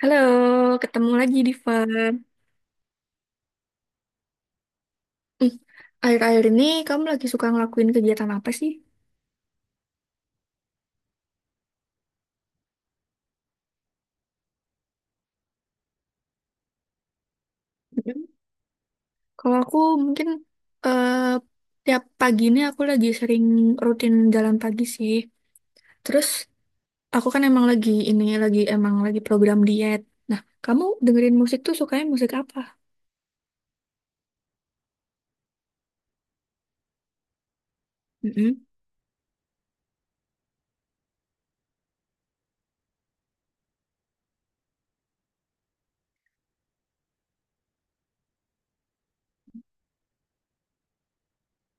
Halo, ketemu lagi di Fun. Hmm, akhir-akhir ini kamu lagi suka ngelakuin kegiatan apa sih? mm Kalau aku mungkin, eh, tiap pagi ini aku lagi sering rutin jalan pagi sih. Terus aku kan emang lagi ini lagi emang lagi program diet. Nah, kamu dengerin musik tuh sukanya musik apa? Mm-mm.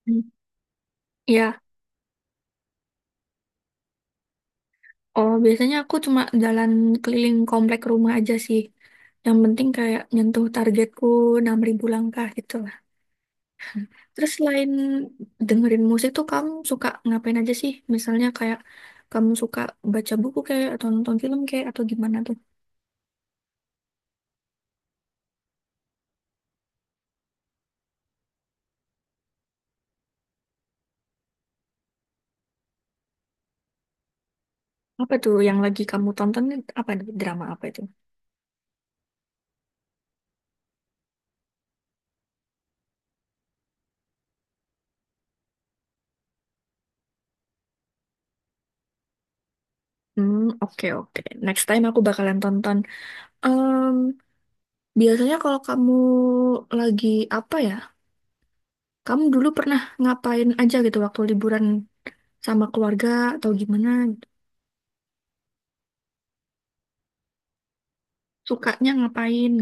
Hmm. Ya, oh biasanya aku cuma jalan keliling komplek rumah aja sih. Yang penting kayak nyentuh targetku 6.000 langkah gitu. Terus selain dengerin musik tuh kamu suka ngapain aja sih? Misalnya kayak kamu suka baca buku kayak atau nonton film kayak atau gimana tuh? Apa tuh yang lagi kamu tonton nih? Apa nih? Drama apa itu? Hmm, oke oke. Next time aku bakalan tonton. Em, biasanya kalau kamu lagi apa ya? Kamu dulu pernah ngapain aja gitu waktu liburan sama keluarga atau gimana? Sukanya ngapain?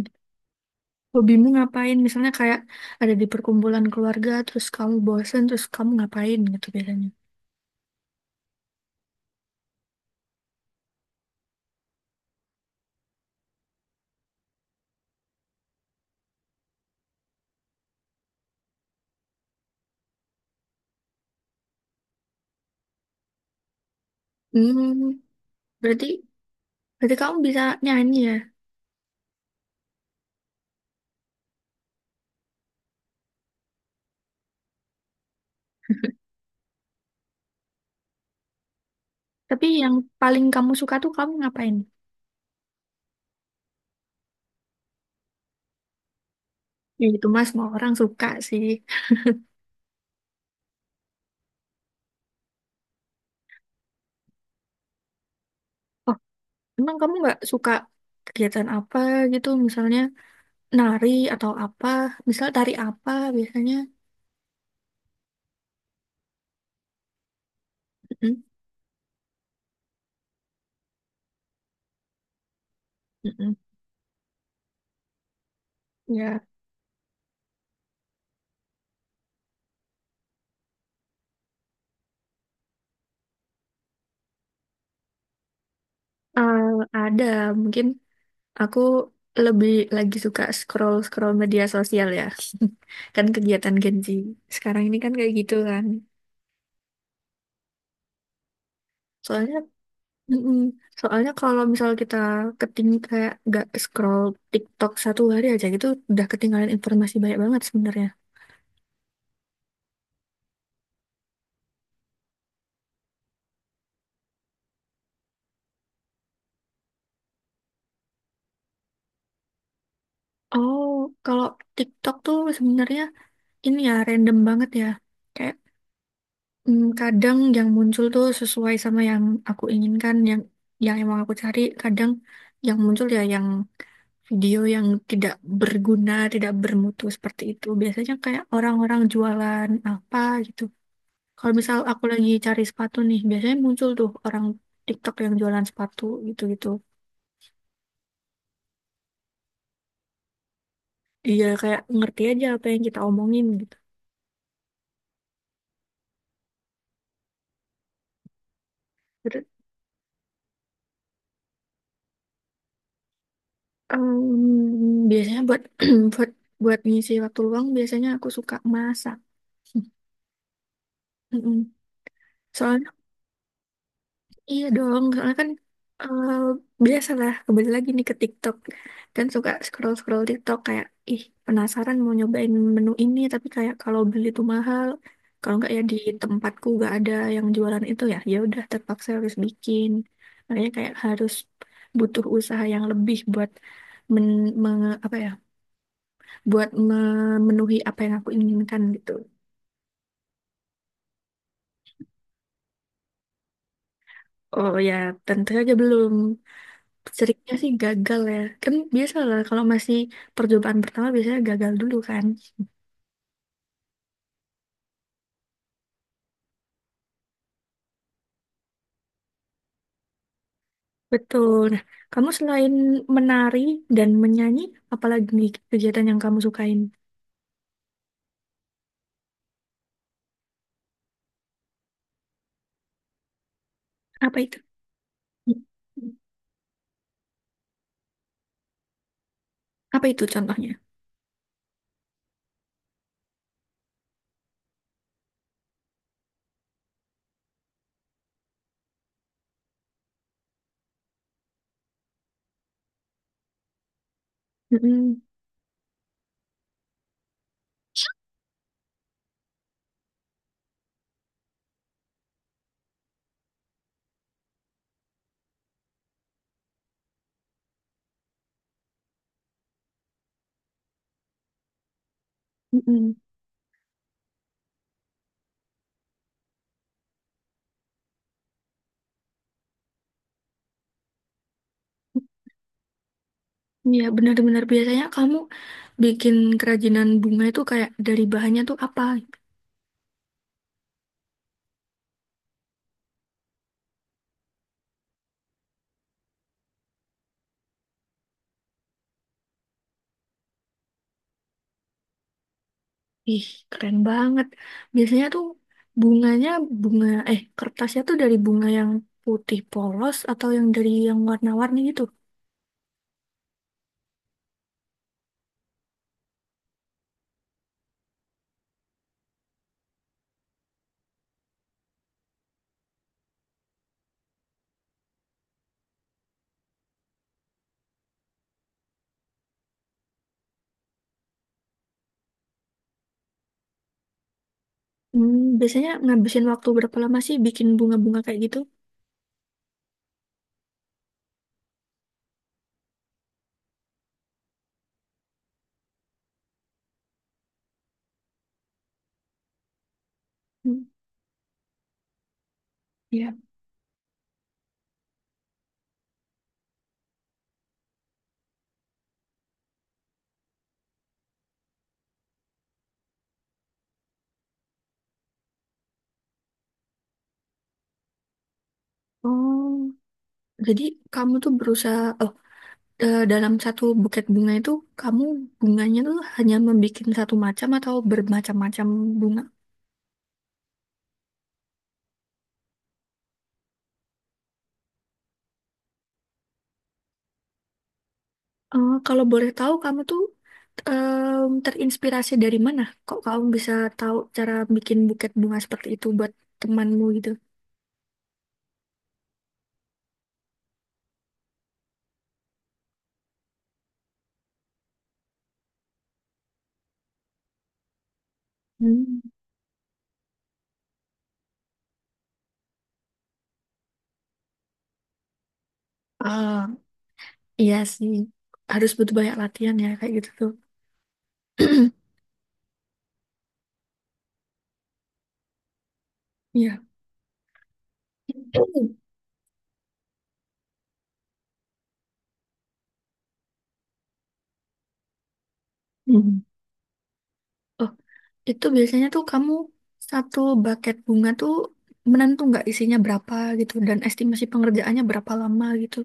Hobimu ngapain? Misalnya kayak ada di perkumpulan keluarga, terus kamu bosen, terus kamu ngapain gitu biasanya. Hmm, berarti berarti kamu bisa nyanyi ya. Tapi yang paling kamu suka tuh kamu ngapain? Ya gitu mas, semua orang suka sih. Oh, emang kamu nggak suka kegiatan apa gitu? Misalnya nari atau apa? Misal tari apa biasanya? Mm-mm, mm-mm. Ya, eh, ada mungkin. Aku lebih lagi suka scroll-scroll media sosial ya. Kan kegiatan Gen Z. Sekarang ini kan kayak gitu kan. Soalnya, mm-mm, soalnya kalau misal kita keting kayak nggak scroll TikTok satu hari aja gitu, udah ketinggalan informasi banyak banget sebenarnya. Oh, kalau TikTok tuh sebenarnya ini ya random banget ya. Kayak, kadang yang muncul tuh sesuai sama yang aku inginkan, yang emang aku cari. Kadang yang muncul ya yang video yang tidak berguna, tidak bermutu seperti itu. Biasanya kayak orang-orang jualan apa gitu. Kalau misal aku lagi cari sepatu nih, biasanya muncul tuh orang TikTok yang jualan sepatu gitu-gitu. Iya kayak ngerti aja apa yang kita omongin gitu. Terus, biasanya buat buat buat ngisi waktu luang, biasanya aku suka masak. Mm-mm. Soalnya, iya dong, soalnya kan, eh, biasalah kembali lagi nih ke TikTok kan suka scroll scroll TikTok kayak ih penasaran mau nyobain menu ini tapi kayak kalau beli tuh mahal kalau nggak ya di tempatku nggak ada yang jualan itu ya ya udah terpaksa harus bikin, makanya kayak harus butuh usaha yang lebih buat men, apa ya buat memenuhi apa yang aku inginkan gitu. Oh ya tentu saja belum. Seringnya sih gagal ya. Kan biasa lah kalau masih percobaan pertama biasanya gagal dulu kan. Betul. Nah, kamu selain menari dan menyanyi, apalagi nih kegiatan yang kamu sukain? Apa itu? Apa itu contohnya? Mm-mm. Mm-mm. Iya, benar-benar biasanya kamu bikin kerajinan bunga itu kayak dari bahannya tuh apa? Ih, keren banget. Biasanya tuh bunganya bunga kertasnya tuh dari bunga yang putih polos atau yang dari yang warna-warni gitu. Biasanya ngabisin waktu berapa lama sih bikin bunga-bunga kayak gitu? Hmm, iya. Oh, jadi kamu tuh berusaha, dalam satu buket bunga itu kamu bunganya tuh hanya membuat satu macam atau bermacam-macam bunga? Kalau boleh tahu, kamu tuh, terinspirasi dari mana? Kok kamu bisa tahu cara bikin buket bunga seperti itu buat temanmu gitu? Hmm. Ah, iya sih, harus butuh banyak latihan ya kayak gitu tuh. Iya. Hmm. Oh, itu biasanya tuh kamu satu buket bunga tuh menentu nggak isinya berapa gitu dan estimasi pengerjaannya berapa lama gitu.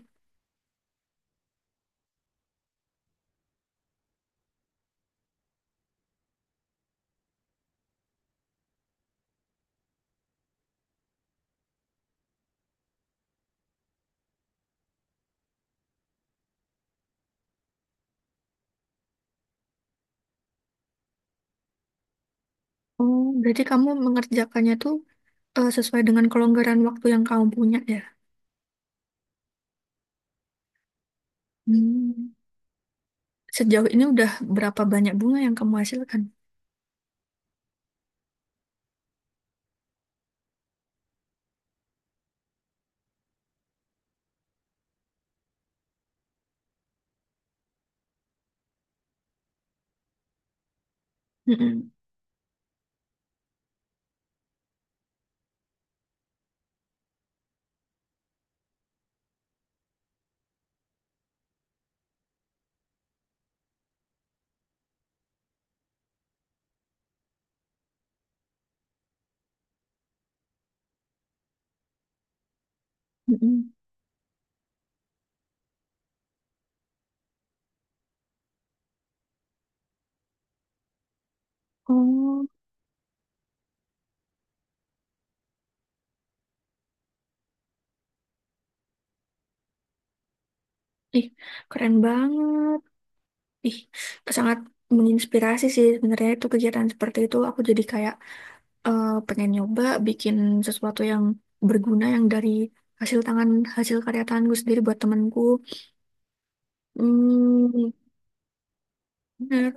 Oh, berarti kamu mengerjakannya tuh, sesuai dengan kelonggaran waktu yang kamu punya ya? Hmm. Sejauh ini udah berapa banyak bunga yang kamu hasilkan? Mm-mm. Mm-mm. Oh, ih, keren banget. Ih, sangat menginspirasi sih sebenarnya itu kegiatan seperti itu. Aku jadi kayak, pengen nyoba bikin sesuatu yang berguna yang dari hasil tangan hasil karya tanganku sendiri buat temanku. Hmm, bener.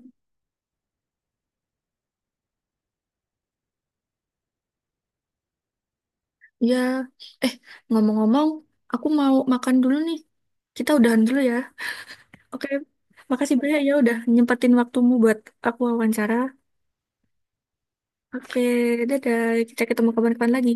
Ya, eh ngomong-ngomong, aku mau makan dulu nih. Kita udahan dulu ya. Oke, makasih banyak ya udah nyempetin waktumu buat aku wawancara. Oke, dadah. Kita ketemu kapan-kapan lagi.